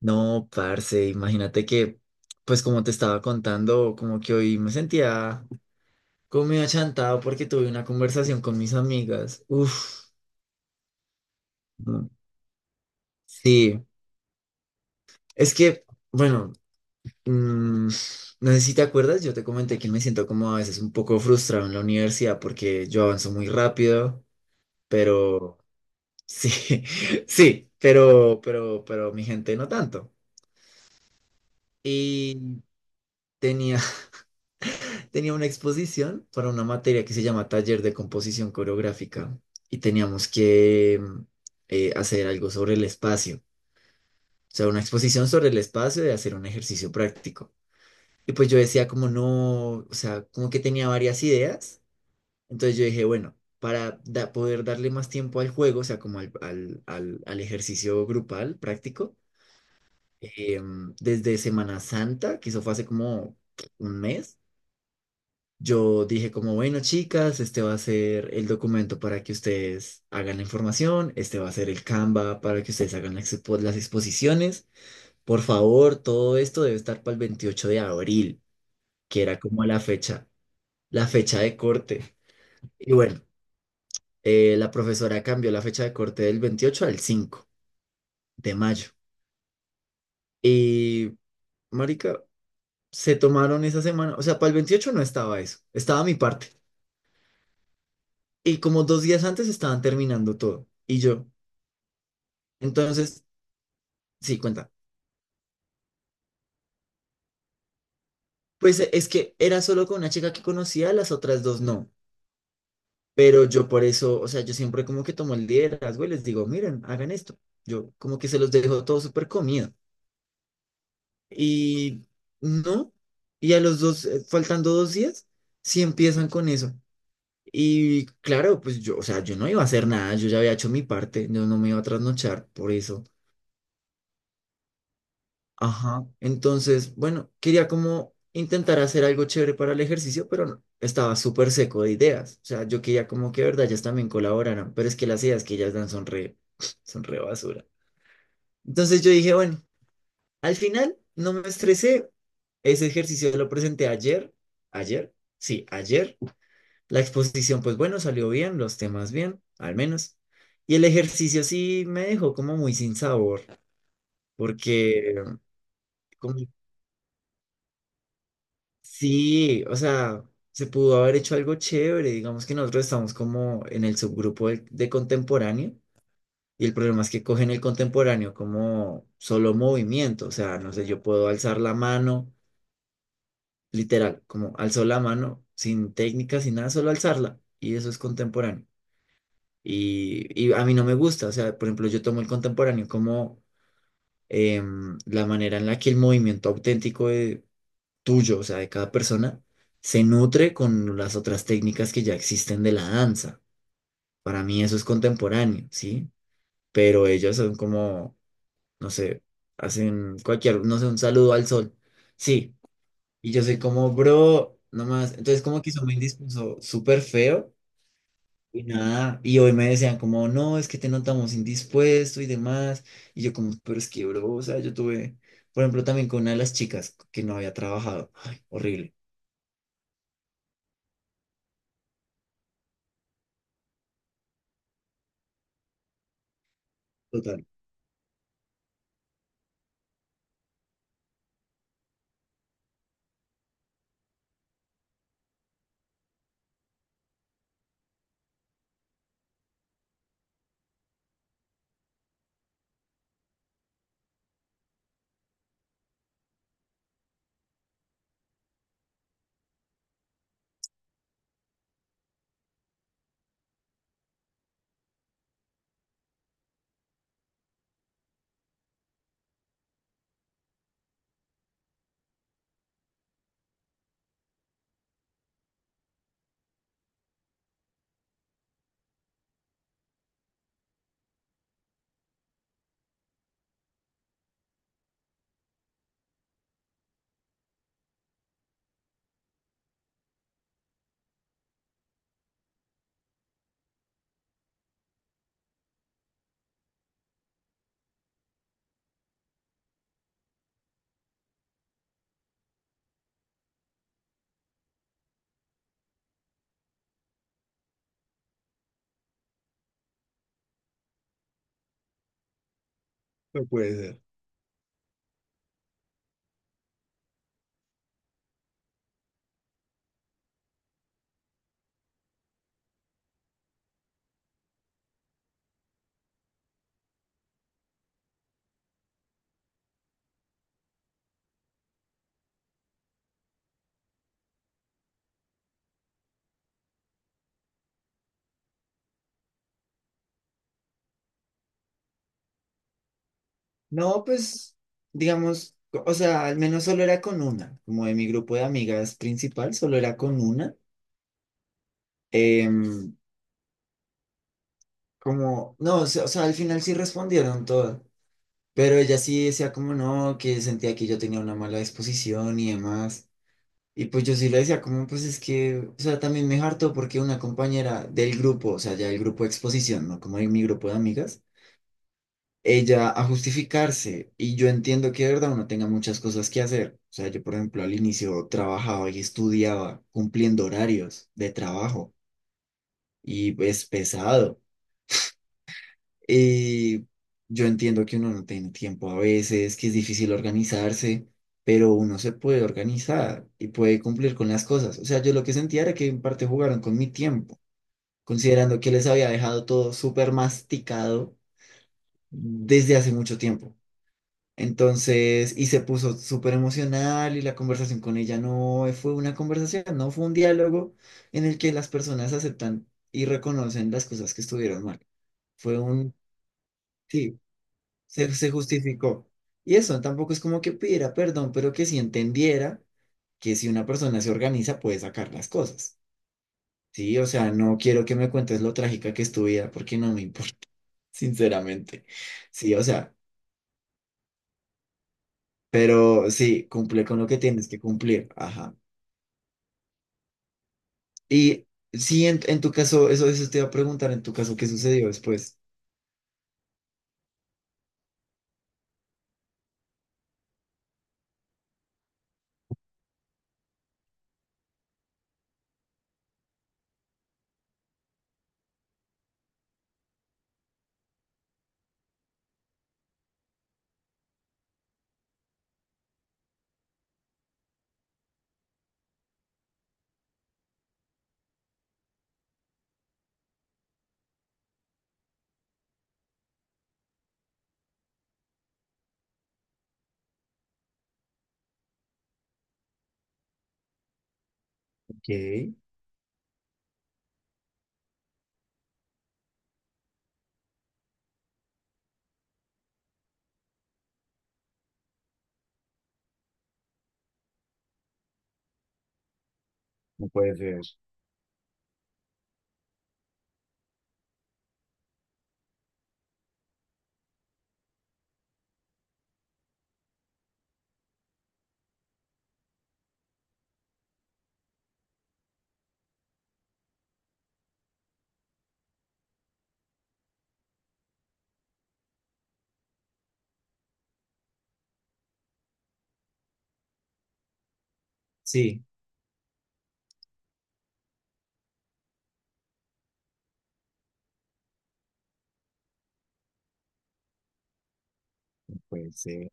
No, parce, imagínate que, pues como te estaba contando, como que hoy me sentía como medio achantado porque tuve una conversación con mis amigas. Uf, no. Sí, es que, bueno, mm, no sé si te acuerdas, yo te comenté que me siento como a veces un poco frustrado en la universidad porque yo avanzo muy rápido, pero sí, sí, pero mi gente no tanto. Y tenía, tenía una exposición para una materia que se llama Taller de Composición Coreográfica y teníamos que hacer algo sobre el espacio, o sea, una exposición sobre el espacio y hacer un ejercicio práctico. Y pues yo decía como no, o sea, como que tenía varias ideas, entonces yo dije, bueno, para poder darle más tiempo al juego, o sea, como al ejercicio grupal práctico, desde Semana Santa, que eso fue hace como un mes. Yo dije como, bueno, chicas, este va a ser el documento para que ustedes hagan la información, este va a ser el Canva para que ustedes hagan las exposiciones. Por favor, todo esto debe estar para el 28 de abril, que era como la fecha de corte. Y bueno, la profesora cambió la fecha de corte del 28 al 5 de mayo. Y, marica, se tomaron esa semana, o sea, para el 28 no estaba eso, estaba mi parte. Y como 2 días antes estaban terminando todo. Y yo. Entonces, sí, cuenta. Pues es que era solo con una chica que conocía, las otras dos no. Pero yo por eso, o sea, yo siempre como que tomo el liderazgo y les digo, miren, hagan esto. Yo como que se los dejo todo súper comido. Y no, y a los dos, faltando 2 días, sí empiezan con eso. Y claro, pues yo, o sea, yo no iba a hacer nada, yo ya había hecho mi parte, yo no me iba a trasnochar por eso. Ajá. Entonces, bueno, quería como intentar hacer algo chévere para el ejercicio, pero no, estaba súper seco de ideas. O sea, yo quería como que, de verdad, ellas también colaboraran, pero es que las ideas que ellas dan son re, son re basura. Entonces yo dije, bueno, al final no me estresé. Ese ejercicio lo presenté ayer, ayer, sí, ayer. La exposición, pues bueno, salió bien, los temas bien, al menos. Y el ejercicio sí me dejó como muy sin sabor, porque como. Sí, o sea, se pudo haber hecho algo chévere. Digamos que nosotros estamos como en el subgrupo de contemporáneo y el problema es que cogen el contemporáneo como solo movimiento. O sea, no sé, yo puedo alzar la mano, literal, como alzó la mano sin técnica, sin nada, solo alzarla y eso es contemporáneo. Y a mí no me gusta. O sea, por ejemplo, yo tomo el contemporáneo como la manera en la que el movimiento auténtico tuyo, o sea, de cada persona, se nutre con las otras técnicas que ya existen de la danza. Para mí eso es contemporáneo, ¿sí? Pero ellos son como, no sé, hacen cualquier, no sé, un saludo al sol. Sí, y yo soy como, bro, nomás. Entonces como que hizo me indispuso súper feo. Y nada, y hoy me decían como, no, es que te notamos indispuesto y demás. Y yo como, pero es que, bro, o sea, yo tuve, por ejemplo, también con una de las chicas que no había trabajado. Ay, horrible. Total. No puede ser. No, pues, digamos, o sea, al menos solo era con una, como de mi grupo de amigas principal, solo era con una. Em, Como, no, o sea, al final sí respondieron todas, pero ella sí decía como no, que sentía que yo tenía una mala disposición y demás. Y pues yo sí le decía como, pues es que, o sea, también me hartó porque una compañera del grupo, o sea, ya del grupo de exposición, ¿no? Como de mi grupo de amigas ella a justificarse. Y yo entiendo que de verdad uno tenga muchas cosas que hacer. O sea, yo, por ejemplo, al inicio trabajaba y estudiaba cumpliendo horarios de trabajo y es pesado. Y yo entiendo que uno no tiene tiempo a veces, que es difícil organizarse, pero uno se puede organizar y puede cumplir con las cosas. O sea, yo lo que sentía era que en parte jugaron con mi tiempo, considerando que les había dejado todo súper masticado desde hace mucho tiempo. Entonces, y se puso súper emocional y la conversación con ella no fue una conversación, no fue un diálogo en el que las personas aceptan y reconocen las cosas que estuvieron mal. Fue un, sí, se justificó. Y eso tampoco es como que pidiera perdón, pero que sí entendiera que si una persona se organiza puede sacar las cosas. Sí, o sea, no quiero que me cuentes lo trágica que es tu vida porque no me importa, sinceramente. Sí, o sea, pero sí, cumple con lo que tienes que cumplir. Ajá. Y sí, en tu caso, eso te iba a preguntar, en tu caso, ¿qué sucedió después? Ok. No puede ser. Sí. No puede ser.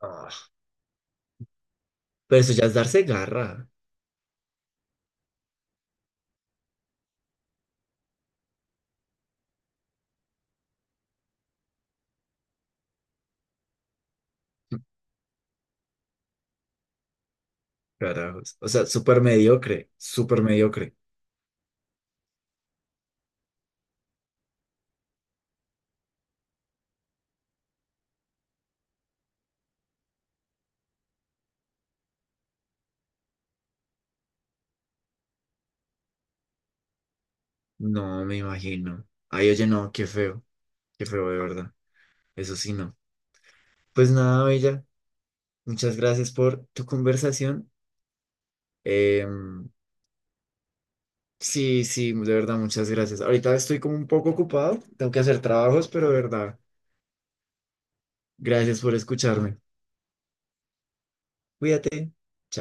Ah, pero eso ya es darse garra. Carajos. O sea, súper mediocre, súper mediocre. No me imagino. Ay, oye, no, qué feo de verdad. Eso sí, no. Pues nada, Bella, muchas gracias por tu conversación. Em, sí, sí, de verdad, muchas gracias. Ahorita estoy como un poco ocupado, tengo que hacer trabajos, pero de verdad, gracias por escucharme. Cuídate. Chao.